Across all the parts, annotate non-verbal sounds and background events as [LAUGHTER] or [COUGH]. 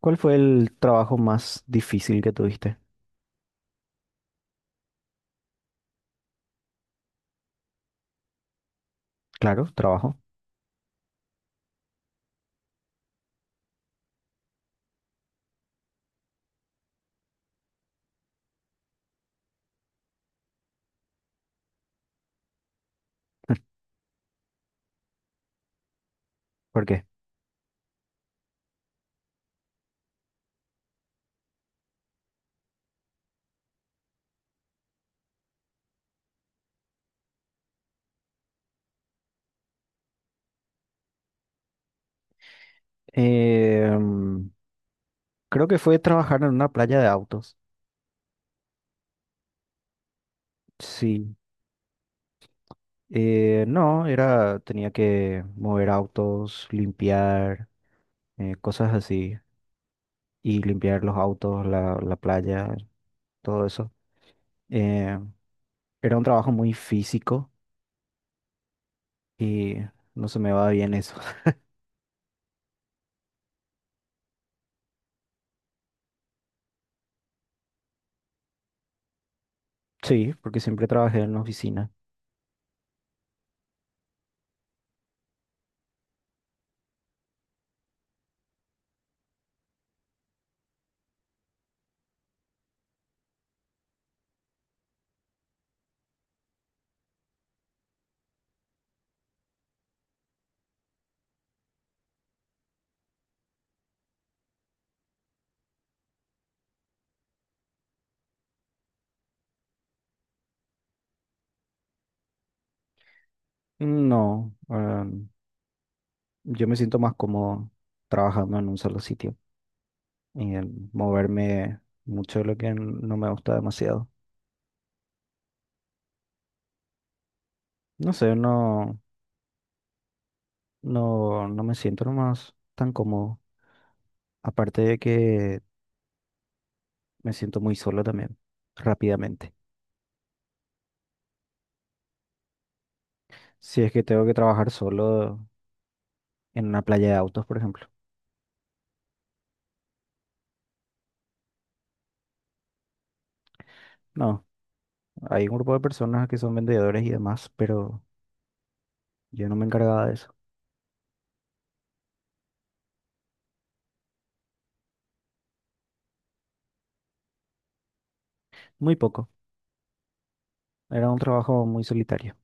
¿Cuál fue el trabajo más difícil que tuviste? Claro, trabajo. ¿Por qué? Em, Creo que fue trabajar en una playa de autos. Sí. No, tenía que mover autos, limpiar, cosas así. Y limpiar los autos, la playa, todo eso. Eh, Era un trabajo muy físico y no se me va bien eso. [LAUGHS] Sí, porque siempre trabajé en la oficina. No, yo me siento más cómodo trabajando en un solo sitio y en moverme mucho de lo que no me gusta demasiado. No sé, no me siento nomás tan cómodo. Aparte de que me siento muy solo también, rápidamente. Si es que tengo que trabajar solo en una playa de autos, por ejemplo. No, hay un grupo de personas que son vendedores y demás, pero yo no me encargaba de eso. Muy poco. Era un trabajo muy solitario.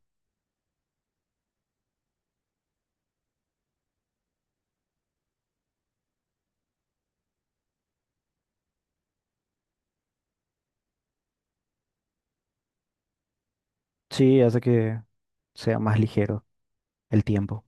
Sí, hace que sea más ligero el tiempo.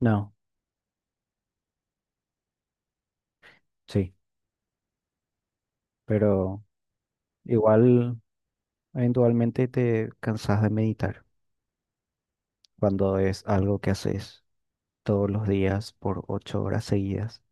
No. Sí, pero igual eventualmente te cansas de meditar cuando es algo que haces todos los días por 8 horas seguidas.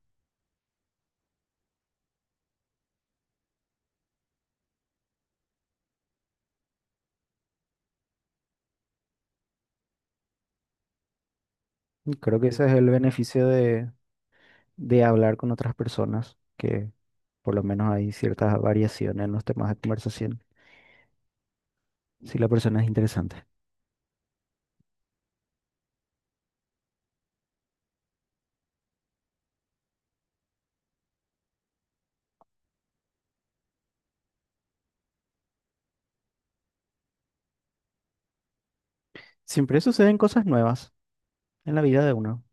Y creo que ese es el beneficio de hablar con otras personas, que por lo menos hay ciertas variaciones en los temas de conversación, si la persona es interesante. Siempre suceden cosas nuevas en la vida de uno.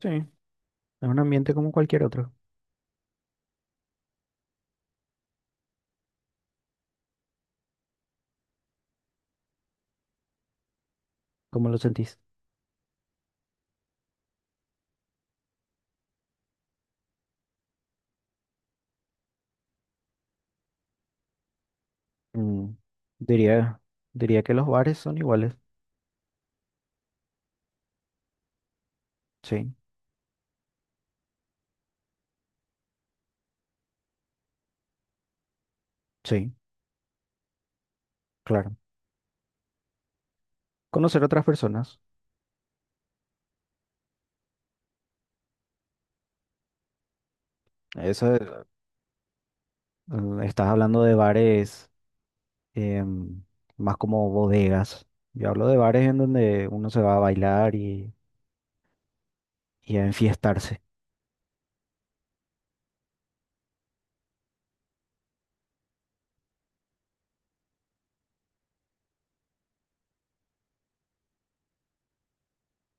Sí, es un ambiente como cualquier otro. ¿Cómo lo sentís? Mm, diría, diría que los bares son iguales. Sí, sí, claro. Conocer otras personas. Eso, es- estás hablando de bares, em, más como bodegas. Yo hablo de bares en donde uno se va a bailar y a enfiestarse.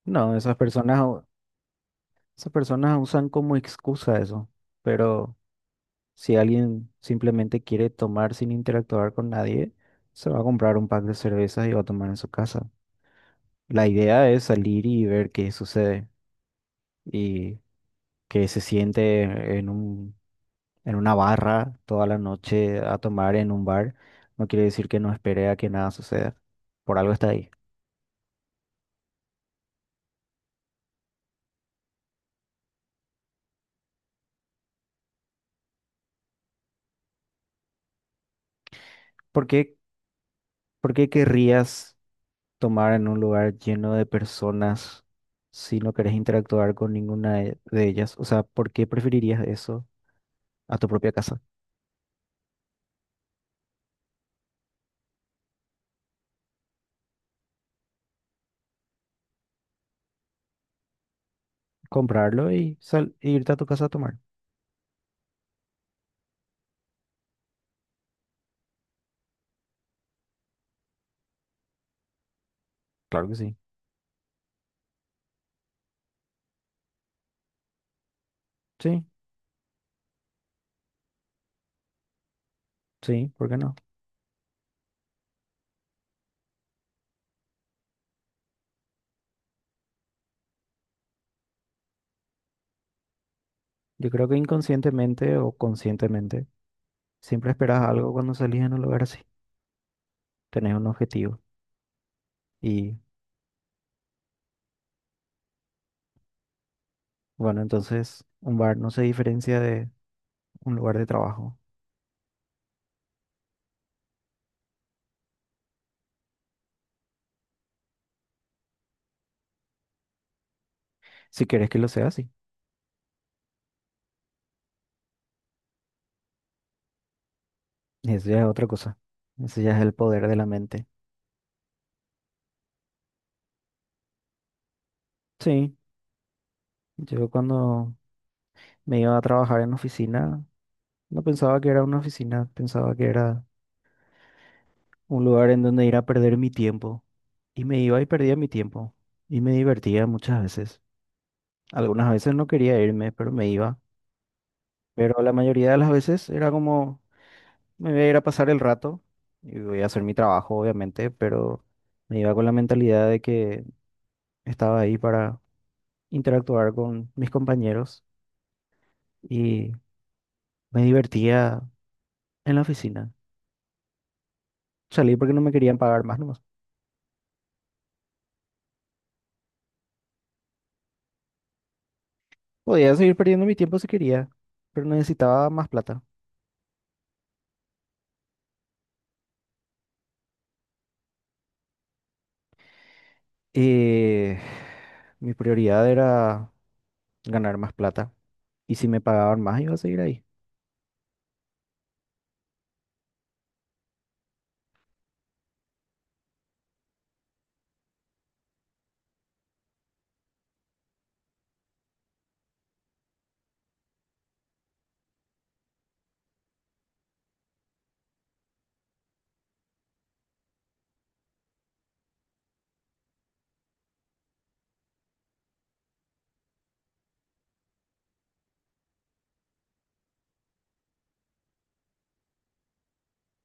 No, esas personas usan como excusa eso. Pero si alguien simplemente quiere tomar sin interactuar con nadie, se va a comprar un pack de cervezas y va a tomar en su casa. La idea es salir y ver qué sucede y que se siente en un, en una barra toda la noche a tomar en un bar. No quiere decir que no espere a que nada suceda. Por algo está ahí. ¿Por qué, por qué querrías tomar en un lugar lleno de personas si no querés interactuar con ninguna de ellas? O sea, ¿por qué preferirías eso a tu propia casa? Comprarlo y sal e irte a tu casa a tomar. Claro que sí. Sí, sí, ¿por qué no? Yo creo que inconscientemente o conscientemente siempre esperas algo cuando salís en un lugar así. Tenés un objetivo. Y bueno, entonces un bar no se diferencia de un lugar de trabajo. Si quieres que lo sea así. Y eso ya es otra cosa. Eso ya es el poder de la mente. Sí, yo cuando me iba a trabajar en oficina, no pensaba que era una oficina, pensaba que era un lugar en donde ir a perder mi tiempo. Y me iba y perdía mi tiempo. Y me divertía muchas veces. Algunas veces no quería irme, pero me iba. Pero la mayoría de las veces era como, me voy a ir a pasar el rato y voy a hacer mi trabajo, obviamente, pero me iba con la mentalidad de que estaba ahí para interactuar con mis compañeros y me divertía en la oficina. Salí porque no me querían pagar más nomás. Podía seguir perdiendo mi tiempo si quería, pero necesitaba más plata. Eh, mi prioridad era ganar más plata. Y si me pagaban más, iba a seguir ahí.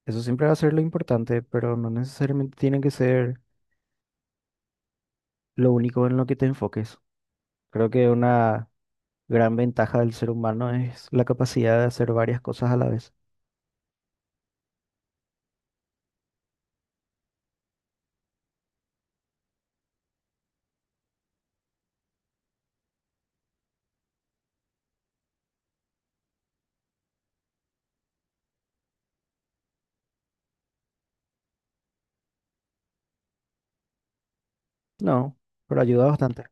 Eso siempre va a ser lo importante, pero no necesariamente tiene que ser lo único en lo que te enfoques. Creo que una gran ventaja del ser humano es la capacidad de hacer varias cosas a la vez. No, pero ayuda bastante.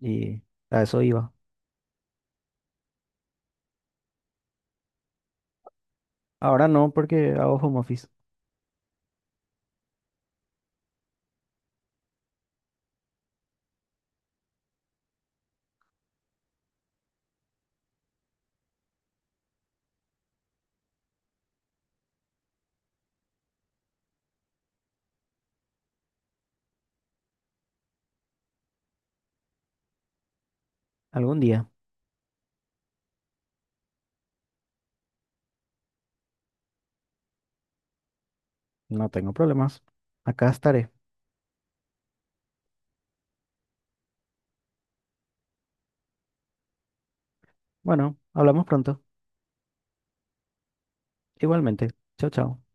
Y a eso iba. Ahora no, porque hago home office. Algún día. No tengo problemas. Acá estaré. Bueno, hablamos pronto. Igualmente. Chao, chao.